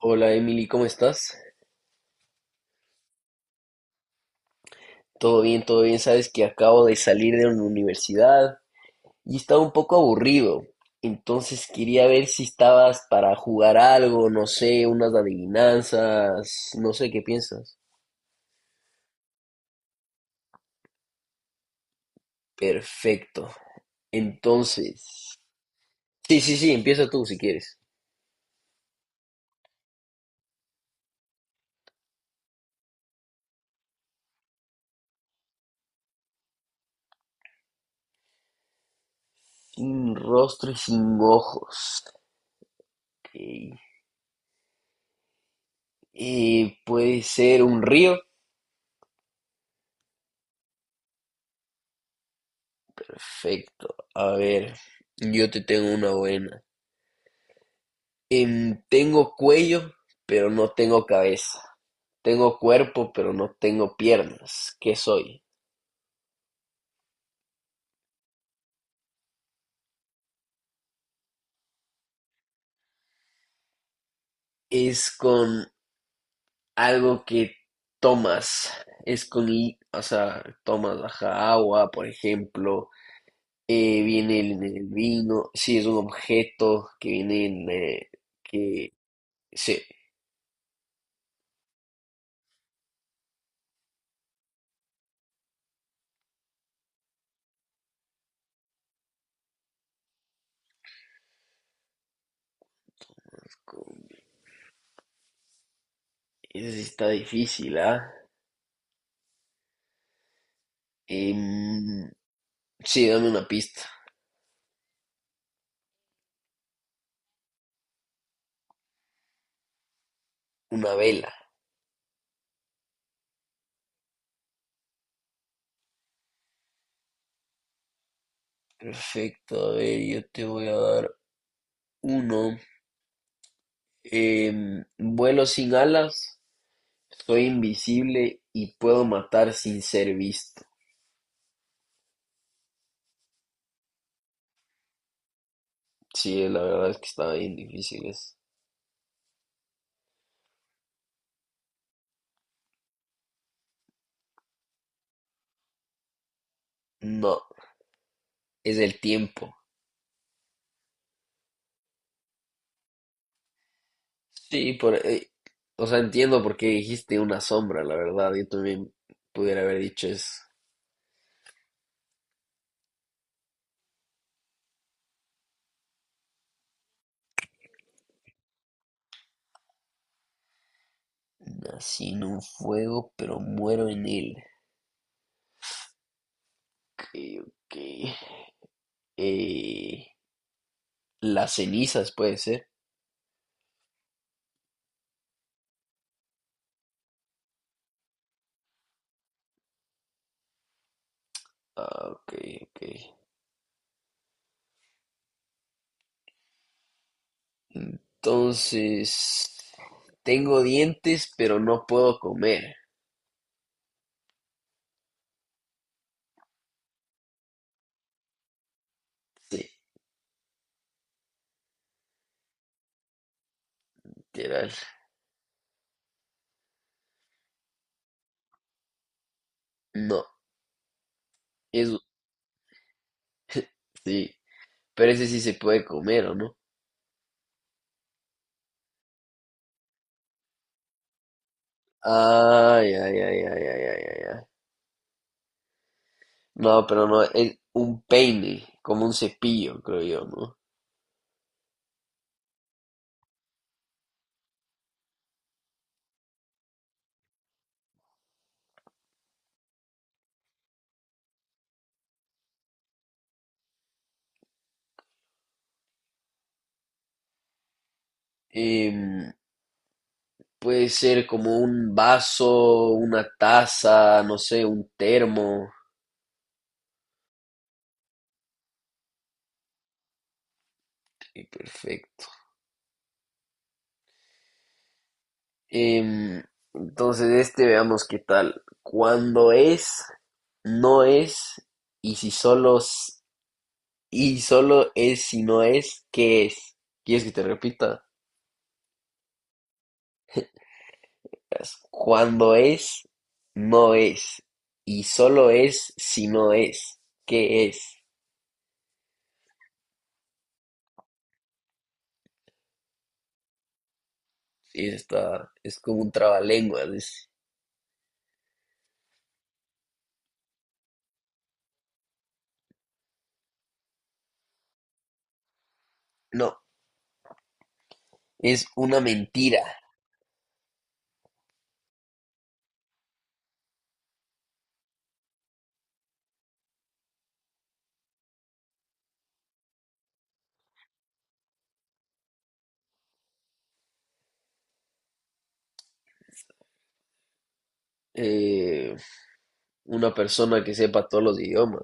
Hola Emily, ¿cómo estás? Todo bien, todo bien. Sabes que acabo de salir de una universidad y estaba un poco aburrido. Entonces quería ver si estabas para jugar algo, no sé, unas adivinanzas, no sé qué piensas. Perfecto. Entonces, sí, sí, sí, empieza tú si quieres. Sin rostro y sin ojos. Ok. Puede ser un río. Perfecto. A ver, yo te tengo una buena. Tengo cuello, pero no tengo cabeza. Tengo cuerpo, pero no tengo piernas. ¿Qué soy? Es con algo que tomas. Es con, o sea, tomas ajá, agua, por ejemplo. Viene en el vino. Sí, es un objeto que viene en... que... Sí, con- ese sí está difícil, ¿ah? Em, sí, dame una pista. Una vela. Perfecto, a ver, yo te voy a dar uno vuelo sin alas, soy invisible y puedo matar sin ser visto. Sí, la verdad es que está bien difícil eso. No, es el tiempo. Sí, o sea, entiendo por qué dijiste una sombra, la verdad. Yo también pudiera haber dicho eso. Nací en un fuego, pero muero en él. Ok, ok. Eh, las cenizas puede ser. Ah, ok, ok. Entonces, tengo dientes, pero no puedo comer. Sí, literal. No, eso sí. Pero ese sí se puede comer, ¿o no? Ay, ay, ay, ay, ay, ay, ay, ay. No, pero no, es un peine, como un cepillo, creo yo, ¿no? Em, Puede ser como un vaso, una taza, no sé, un termo. Sí, perfecto. Em, entonces, este veamos qué tal. Cuando es, no es, y si solo, y solo es si no es, ¿qué es? ¿Quieres que te repita? Es cuando es, no es, y solo es si no es, ¿qué es? Y está, es como un trabalenguas. No, es una mentira. Eh, una persona que sepa todos los idiomas.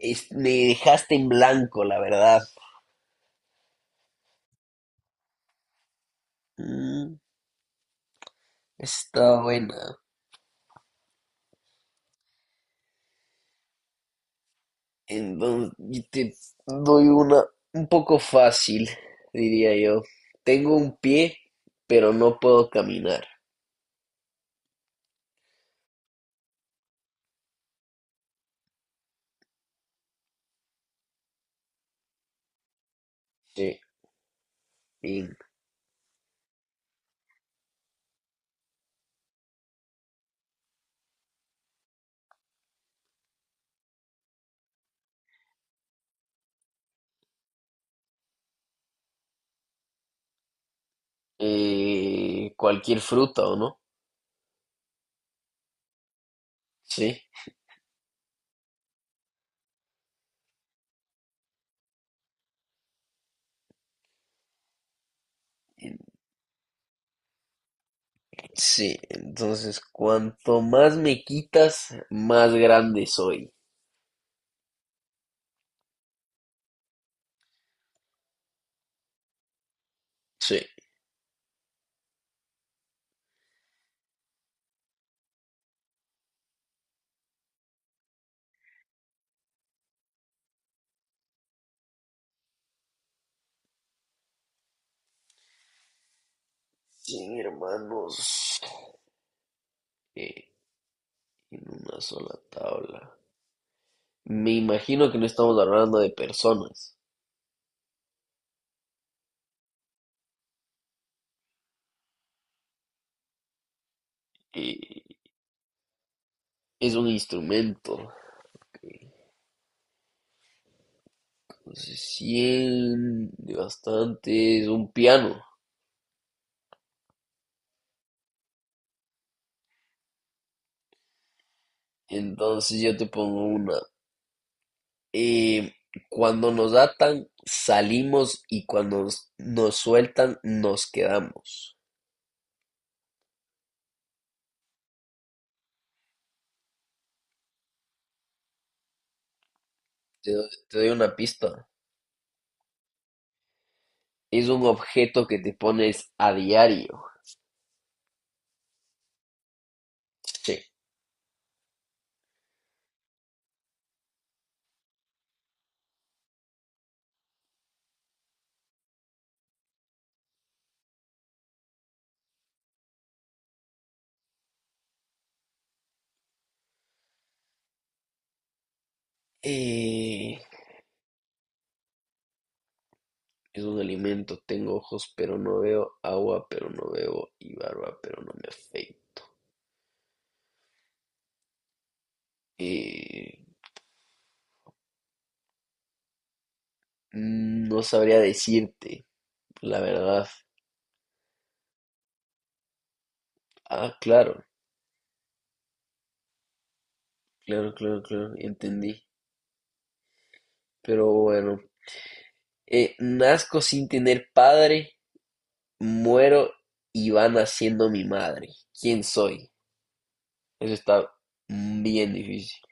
Me dejaste en blanco, la verdad. Mm, está buena. Entonces, yo te doy una un poco fácil, diría yo. Tengo un pie, pero no puedo caminar. Sí. Y, cualquier fruta, ¿o no? Sí. Sí. Entonces, cuanto más me quitas, más grande soy. Sí. Sin hermanos, eh, en una sola tabla. Me imagino que no estamos hablando de personas. Eh, es un instrumento. Entonces, 100 de bastante es un piano. Entonces yo te pongo una. Eh, Cuando nos atan, salimos y cuando nos sueltan, nos quedamos. Te doy una pista. Es un objeto que te pones a diario. Sí. Eh, es un alimento. Tengo ojos, pero no veo. Agua, pero no bebo. Y barba, pero no me afeito. Eh, no sabría decirte, la verdad. Ah, claro, claro, claro, claro, entendí. Pero bueno, nazco sin tener padre, muero y va naciendo mi madre. ¿Quién soy? Eso está bien difícil.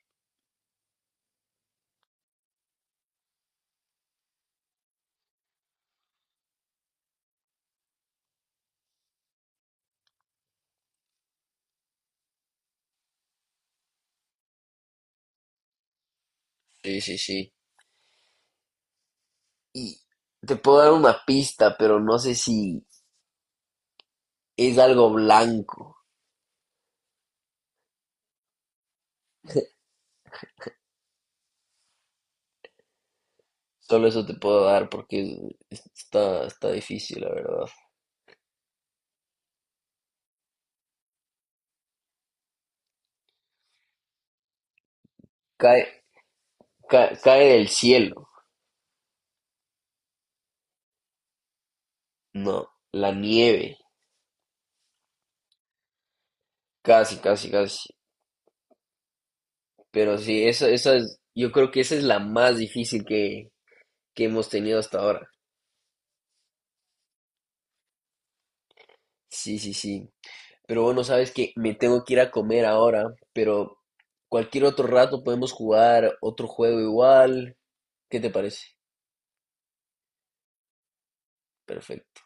Sí, sí, sí. Y te puedo dar una pista, pero no sé si es algo blanco. Solo eso te puedo dar porque está, está difícil, la verdad. Cae, cae del cielo. No, la nieve. Casi, casi, casi. Pero sí, esa es, yo creo que esa es la más difícil que hemos tenido hasta ahora. Sí, sí, sí. Pero bueno, sabes que me tengo que ir a comer ahora, pero cualquier otro rato podemos jugar otro juego igual. ¿Qué te parece? Perfecto.